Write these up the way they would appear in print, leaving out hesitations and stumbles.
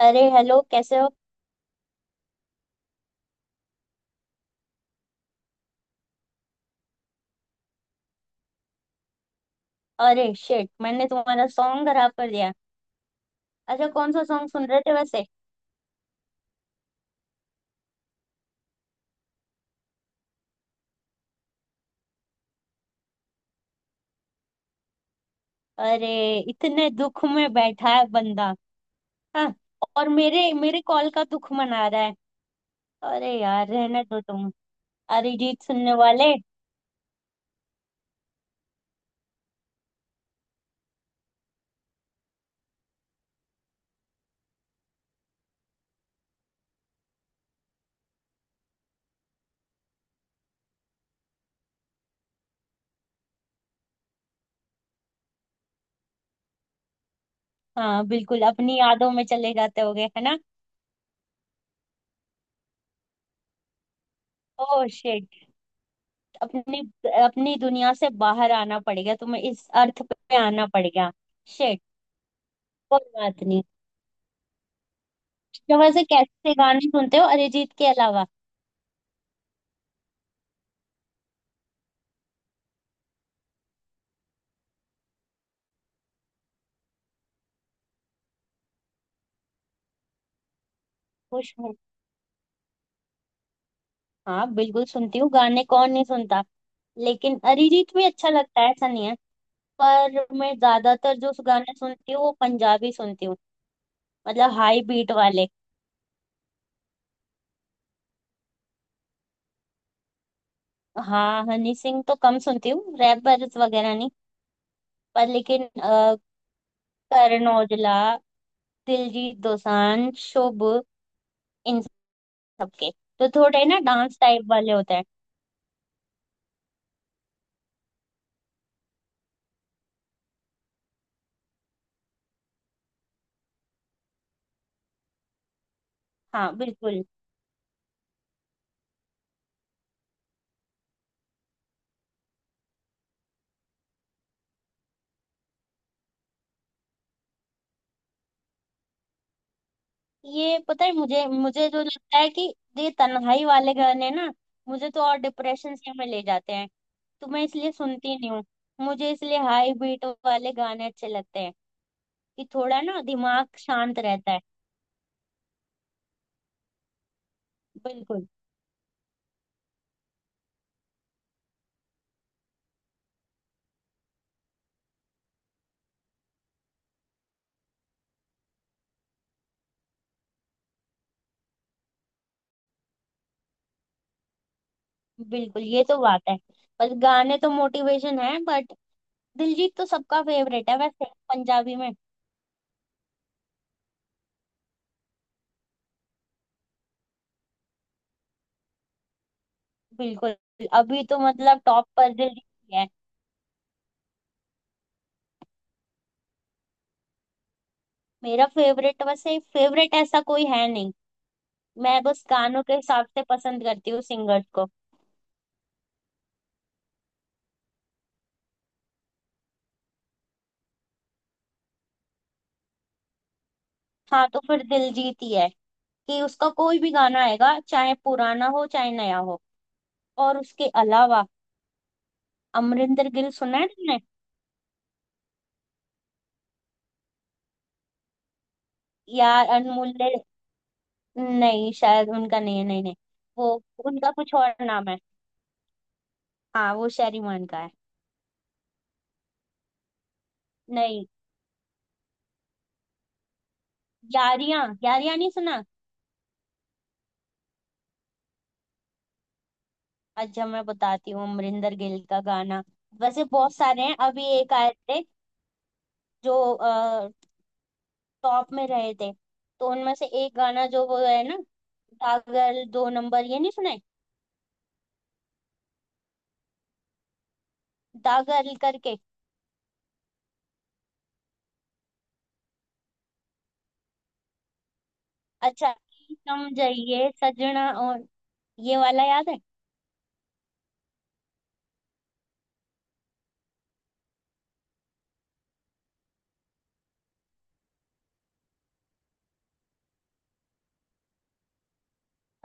अरे हेलो कैसे हो। अरे शिट मैंने तुम्हारा सॉन्ग खराब कर दिया। अच्छा कौन सा सॉन्ग सुन रहे थे वैसे। अरे इतने दुख में बैठा है बंदा। हाँ और मेरे मेरे कॉल का दुख मना रहा है। अरे यार रहने दो तुम अरिजीत सुनने वाले। हाँ बिल्कुल अपनी यादों में चले जाते होगे है ना। Oh shit. अपनी अपनी दुनिया से बाहर आना पड़ेगा तुम्हें इस अर्थ पे आना पड़ेगा। शिट कोई बात नहीं। तो वैसे कैसे गाने सुनते हो अरिजीत के अलावा। खुश। हाँ बिल्कुल सुनती हूँ गाने कौन नहीं सुनता। लेकिन अरिजीत भी अच्छा लगता है ऐसा नहीं है। पर मैं ज्यादातर जो गाने सुनती हूँ वो पंजाबी सुनती हूँ। मतलब हाई बीट वाले। हाँ हनी सिंह तो कम सुनती हूँ रैपर्स वगैरह नहीं। पर लेकिन करण औजला, दिलजीत दोसांझ, शुभ, इन सबके तो थोड़े ना डांस टाइप वाले होते हैं। हाँ बिल्कुल। ये पता है मुझे मुझे जो लगता है कि ये तन्हाई वाले गाने ना मुझे तो और डिप्रेशन से में ले जाते हैं। तो मैं इसलिए सुनती नहीं हूँ। मुझे इसलिए हाई बीट वाले गाने अच्छे लगते हैं कि थोड़ा ना दिमाग शांत रहता है। बिल्कुल। बिल्कुल ये तो बात है। बस गाने तो मोटिवेशन है बट दिलजीत तो सबका फेवरेट है वैसे, पंजाबी में। बिल्कुल। अभी तो मतलब टॉप पर दिलजीत ही है। मेरा फेवरेट वैसे, फेवरेट ऐसा कोई है नहीं। मैं बस गानों के हिसाब से पसंद करती हूँ सिंगर्स को। हाँ तो फिर दिलजीत ही है कि उसका कोई भी गाना आएगा चाहे पुराना हो चाहे नया हो। और उसके अलावा अमरिंदर गिल सुना है तुमने। यार अनमोल्य नहीं शायद उनका नहीं है, नहीं नहीं। वो उनका कुछ और नाम है। हाँ वो शेरी मान का है। नहीं यारियां, यारियां नहीं सुना। अच्छा मैं बताती हूँ अमरिंदर गिल का गाना। वैसे बहुत सारे हैं अभी एक आए थे जो टॉप में रहे थे। तो उनमें से एक गाना जो वो है ना दागल दो नंबर ये नहीं सुने, दागल करके। अच्छा, समझिए सजना और ये वाला याद है।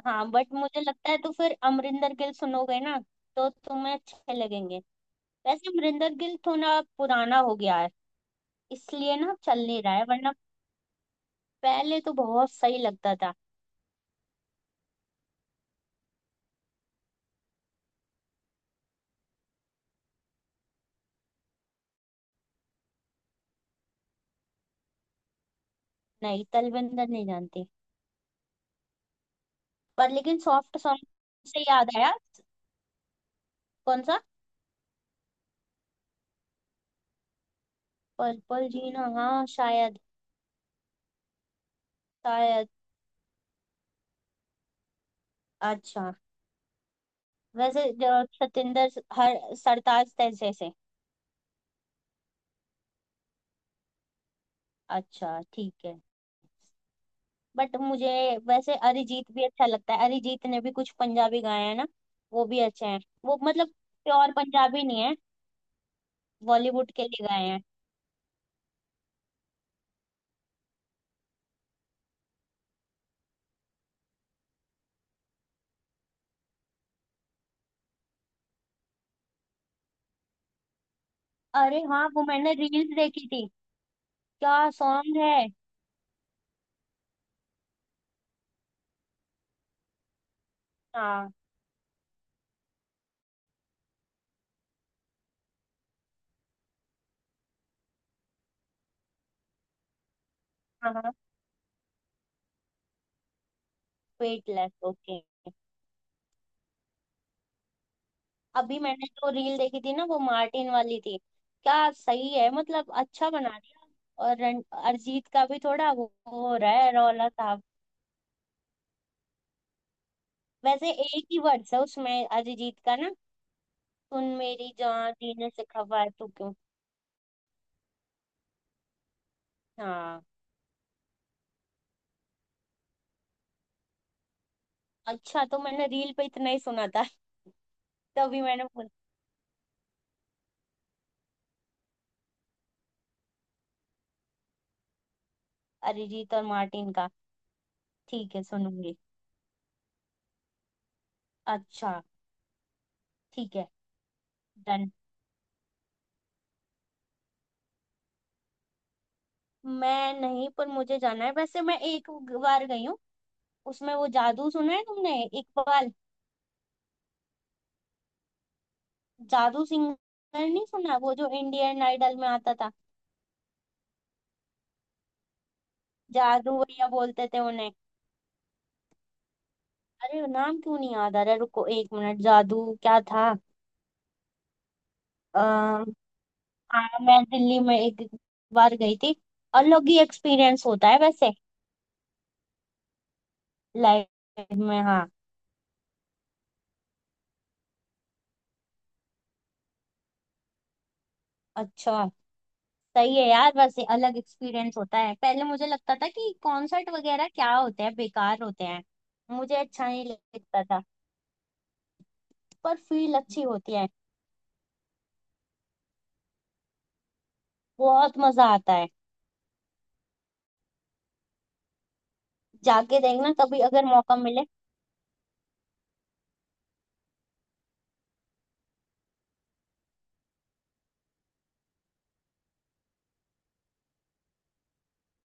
हाँ बट मुझे लगता है तो फिर अमरिंदर गिल सुनोगे ना तो तुम्हें अच्छे लगेंगे। वैसे अमरिंदर गिल थोड़ा पुराना हो गया है इसलिए ना चल नहीं रहा है वरना पहले तो बहुत सही लगता था। नहीं तलविंदर नहीं जानती। पर लेकिन सॉफ्ट सॉन्ग से याद आया। कौन सा। पर्पल जीना हाँ शायद। शायद। अच्छा। वैसे जो सतिंदर हर सरताज जैसे से। अच्छा ठीक है बट मुझे, वैसे अरिजीत भी अच्छा लगता है। अरिजीत ने भी कुछ पंजाबी गाए हैं ना वो भी अच्छे हैं। वो मतलब प्योर पंजाबी नहीं है बॉलीवुड के लिए गाए हैं। अरे हाँ वो मैंने रील्स देखी थी। क्या सॉन्ग है। हाँ हाँ हाँ। Weightless, okay. अभी मैंने जो रील देखी थी ना वो मार्टिन वाली थी। क्या सही है मतलब अच्छा बना दिया। और अरिजीत का भी थोड़ा वो हो रहा है रौला साहब। वैसे एक ही वर्ड्स है उसमें अरिजीत का ना, सुन मेरी जान जीने से खबर है तू क्यों। हाँ अच्छा तो मैंने रील पे इतना ही सुना था। तभी मैंने बोला अरिजीत और मार्टिन का। ठीक है सुनूंगी। अच्छा ठीक है, डन। मैं नहीं पर मुझे जाना है वैसे मैं एक बार गई हूँ। उसमें वो जादू सुना है तुमने इकबाल, जादू सिंगर नहीं सुना वो जो इंडियन आइडल में आता था। जादू भैया बोलते थे उन्हें। अरे नाम क्यों नहीं याद आ रहा, रुको एक मिनट, जादू क्या था। आ, हाँ मैं दिल्ली में एक बार गई थी। अलग ही एक्सपीरियंस होता है वैसे। लाइफ में हाँ। अच्छा सही है यार वैसे अलग एक्सपीरियंस होता है। पहले मुझे लगता था कि कॉन्सर्ट वगैरह क्या होते हैं बेकार होते हैं, मुझे अच्छा नहीं लगता था। पर फील अच्छी होती है। बहुत मजा आता है। जाके देखना कभी अगर मौका मिले।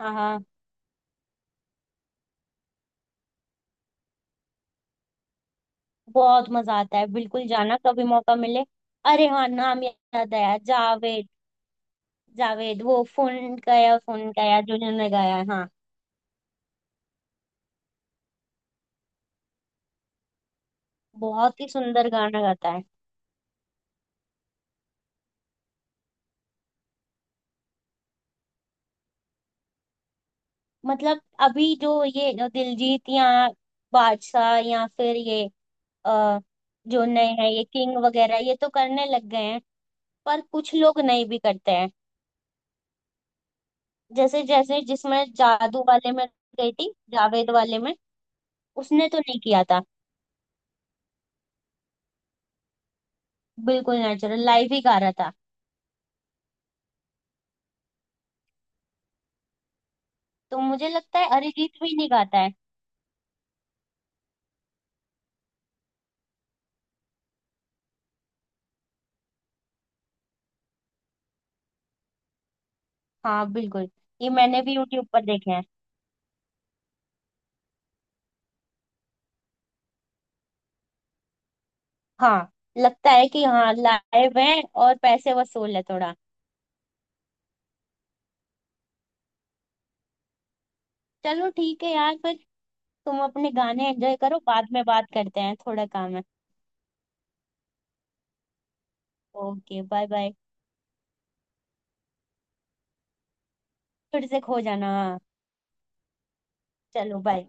हाँ हाँ बहुत मजा आता है बिल्कुल, जाना कभी मौका मिले। अरे हाँ नाम याद आया, जावेद। जावेद वो फोन गया जो जिन्होंने गाया है, हाँ। बहुत ही सुंदर गाना गाता है। मतलब अभी जो ये दिलजीत या बादशाह या फिर ये अ, जो नए हैं ये किंग वगैरह ये तो करने लग गए हैं। पर कुछ लोग नहीं भी करते हैं। जैसे जैसे जिसमें जादू वाले में गई थी, जावेद वाले में उसने तो नहीं किया था। बिल्कुल नेचुरल लाइव ही गा रहा था। तो मुझे लगता है अरिजीत भी नहीं गाता है। हाँ बिल्कुल ये मैंने भी यूट्यूब पर देखे हैं। हाँ लगता है कि हाँ लाइव है और पैसे वसूल है थोड़ा। चलो ठीक है यार फिर तुम अपने गाने एंजॉय करो, बाद में बात करते हैं, थोड़ा काम है। Okay bye bye. फिर से खो जाना। चलो बाय।